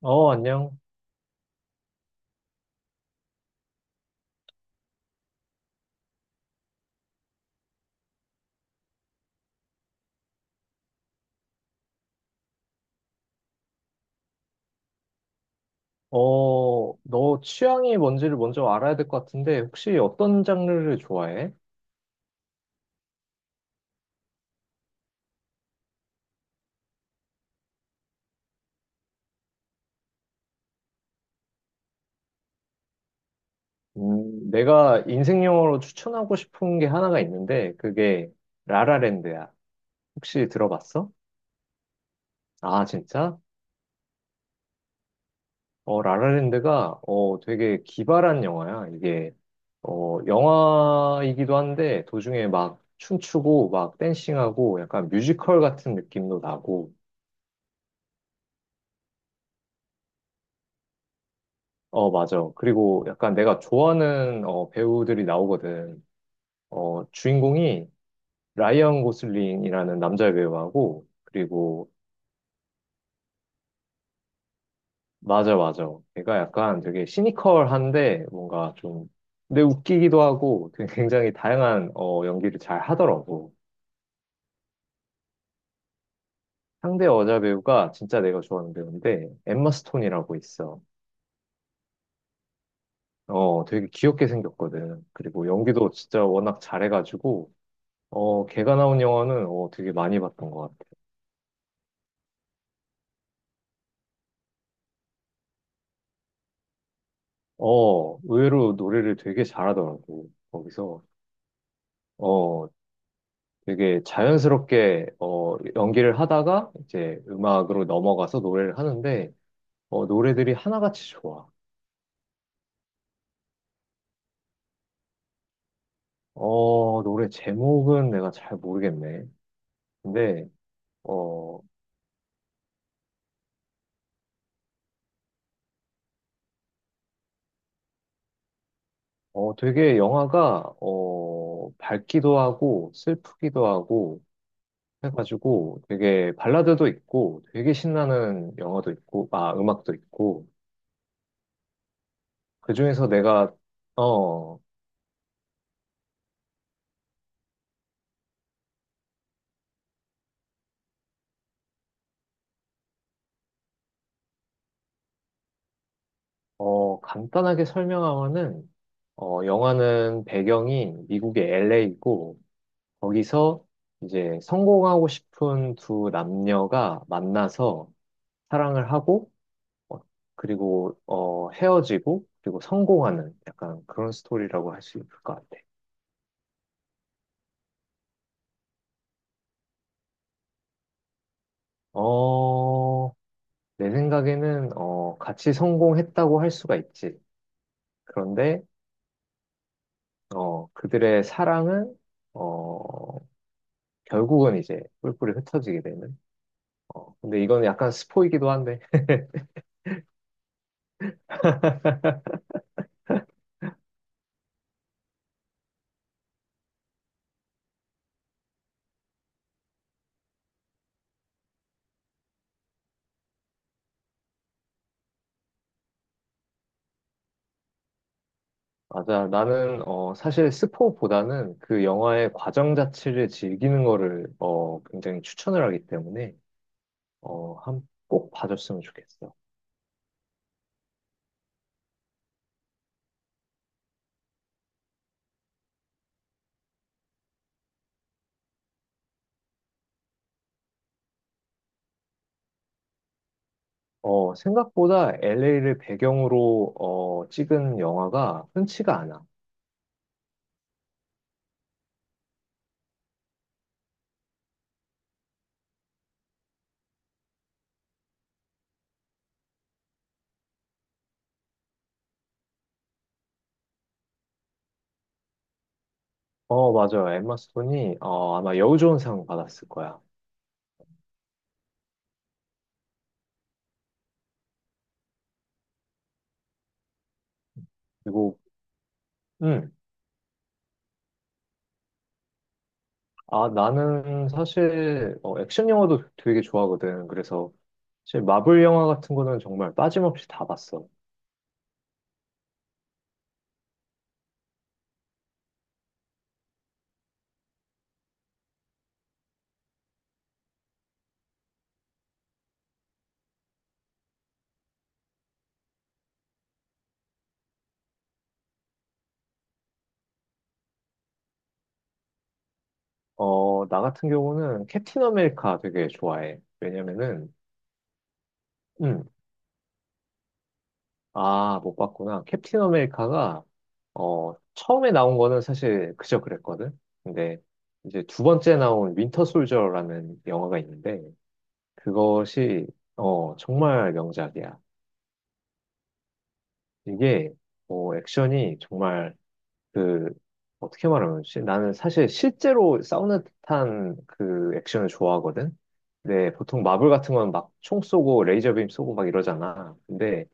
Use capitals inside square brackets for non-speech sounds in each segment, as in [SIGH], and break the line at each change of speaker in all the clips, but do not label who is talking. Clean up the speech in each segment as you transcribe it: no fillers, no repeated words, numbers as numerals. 어, 안녕. 너 취향이 뭔지를 먼저 알아야 될 것 같은데, 혹시 어떤 장르를 좋아해? 내가 인생 영화로 추천하고 싶은 게 하나가 있는데, 그게 라라랜드야. 혹시 들어봤어? 아, 진짜? 라라랜드가, 되게 기발한 영화야. 이게, 영화이기도 한데, 도중에 막 춤추고, 막 댄싱하고, 약간 뮤지컬 같은 느낌도 나고, 어, 맞아. 그리고 약간 내가 좋아하는 배우들이 나오거든. 주인공이 라이언 고슬링이라는 남자 배우하고, 그리고, 맞아, 맞아. 걔가 약간 되게 시니컬한데, 뭔가 좀, 근데 웃기기도 하고, 되게 굉장히 다양한 연기를 잘 하더라고. 상대 여자 배우가 진짜 내가 좋아하는 배우인데, 엠마 스톤이라고 있어. 되게 귀엽게 생겼거든. 그리고 연기도 진짜 워낙 잘해가지고, 걔가 나온 영화는 되게 많이 봤던 것 같아. 의외로 노래를 되게 잘하더라고, 거기서. 어, 되게 자연스럽게, 연기를 하다가 이제 음악으로 넘어가서 노래를 하는데, 노래들이 하나같이 좋아. 노래 제목은 내가 잘 모르겠네. 근데, 어, 되게 영화가, 밝기도 하고, 슬프기도 하고, 해가지고 되게 발라드도 있고, 되게 신나는 영화도 있고, 음악도 있고, 그중에서 내가 어, 간단하게 설명하면은, 영화는 배경이 미국의 LA이고, 거기서 이제 성공하고 싶은 두 남녀가 만나서 사랑을 하고, 어, 그리고, 헤어지고, 그리고 성공하는 약간 그런 스토리라고 할 수 있을 것 같아. 어, 내 생각에는, 같이 성공했다고 할 수가 있지. 그런데, 그들의 사랑은, 어, 결국은 이제 뿔뿔이 흩어지게 되는. 근데 이건 약간 스포이기도 한데. 맞아. 나는, 사실 스포보다는 그 영화의 과정 자체를 즐기는 거를, 굉장히 추천을 하기 때문에, 한, 꼭 봐줬으면 좋겠어. 생각보다 LA를 배경으로, 찍은 영화가 흔치가 않아. 어, 맞아요. 엠마 스톤이, 아마 여우조연상 받았을 거야. 그리고, 음, 아, 나는 사실 액션 영화도 되게 좋아하거든. 그래서 사실 마블 영화 같은 거는 정말 빠짐없이 다 봤어. 나 같은 경우는 캡틴 아메리카 되게 좋아해. 왜냐면은, 음, 아, 못 봤구나. 캡틴 아메리카가 처음에 나온 거는 사실 그저 그랬거든. 근데 이제 두 번째 나온 윈터 솔저라는 영화가 있는데 그것이 정말 명작이야. 이게 액션이 정말 그 어떻게 말하면 좋지? 나는 사실 실제로 싸우는 듯한 그 액션을 좋아하거든. 근데 보통 마블 같은 건 막 총 쏘고 레이저 빔 쏘고 막 이러잖아. 근데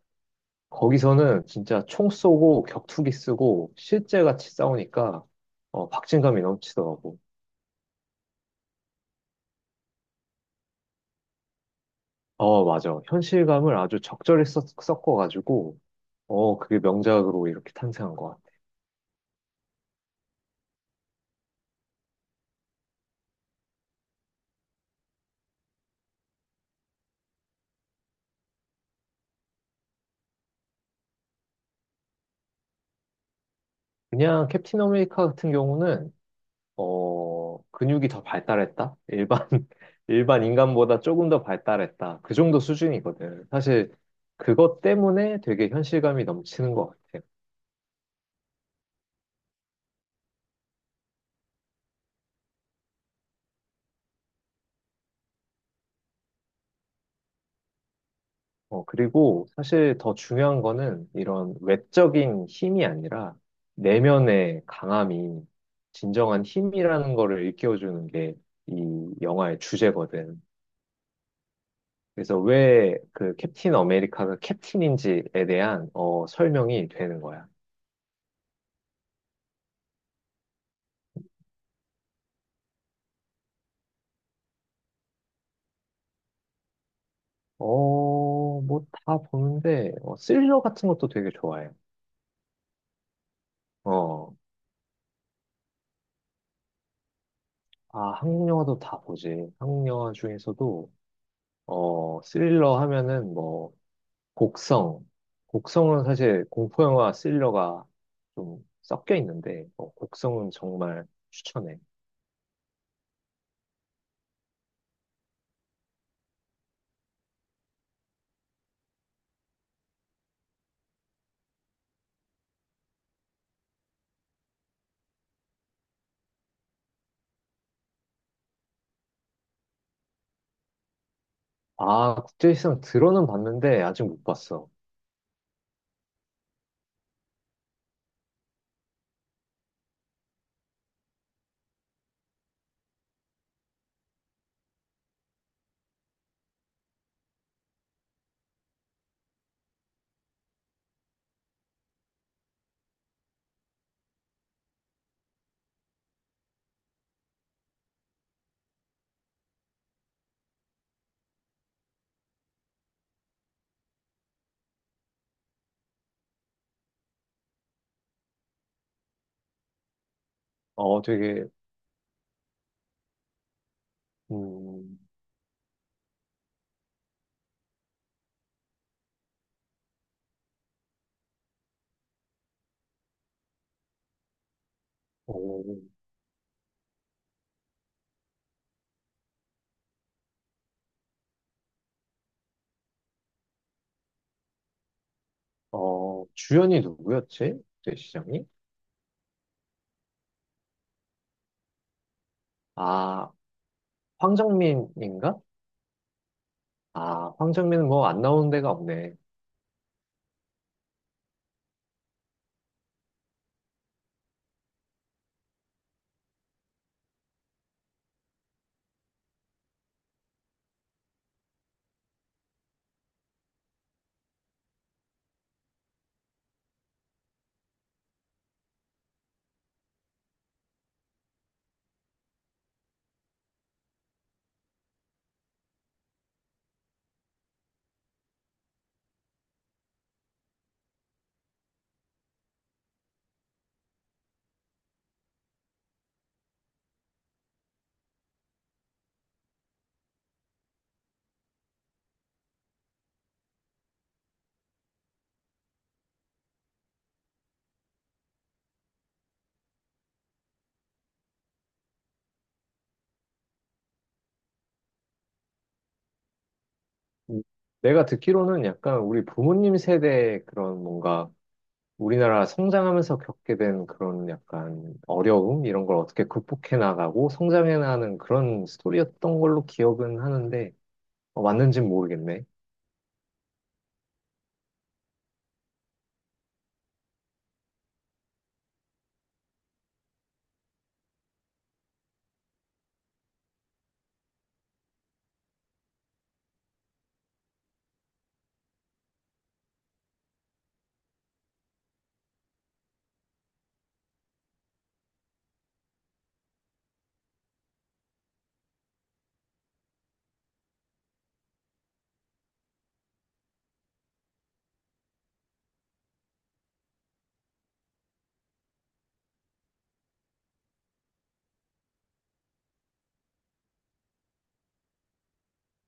거기서는 진짜 총 쏘고 격투기 쓰고 실제 같이 싸우니까 박진감이 넘치더라고. 어, 맞아. 현실감을 아주 적절히 섞어가지고 그게 명작으로 이렇게 탄생한 것 같아. 그냥 캡틴 아메리카 같은 경우는 근육이 더 발달했다? 일반, [LAUGHS] 일반 인간보다 조금 더 발달했다. 그 정도 수준이거든. 사실, 그것 때문에 되게 현실감이 넘치는 것 같아요. 그리고 사실 더 중요한 거는 이런 외적인 힘이 아니라 내면의 강함이 진정한 힘이라는 거를 일깨워주는 게 이 영화의 주제거든. 그래서 왜 그 캡틴 아메리카가 캡틴인지에 대한 설명이 되는 거야. 뭐 다 보는데, 스릴러 같은 것도 되게 좋아해요. 어, 아, 한국 영화도 다 보지. 한국 영화 중에서도, 스릴러 하면은 뭐, 곡성. 곡성은 사실 공포 영화 스릴러가 좀 섞여 있는데, 곡성은 정말 추천해. 아, 국제시장 들어는 봤는데, 아직 못 봤어. 되게, 음, 어, 주연이 누구였지? 국제시장이? 아, 황정민인가? 아, 황정민은 뭐 안 나오는 데가 없네. 음, 내가 듣기로는 약간 우리 부모님 세대의 그런 뭔가 우리나라 성장하면서 겪게 된 그런 약간 어려움 이런 걸 어떻게 극복해 나가고 성장해 나가는 그런 스토리였던 걸로 기억은 하는데 맞는지는 모르겠네.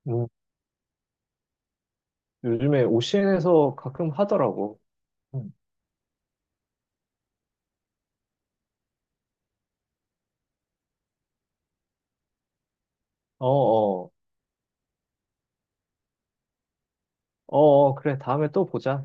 음, 요즘에 OCN에서 가끔 하더라고. 음. 어, 어, 어, 그래, 다음에 또 보자.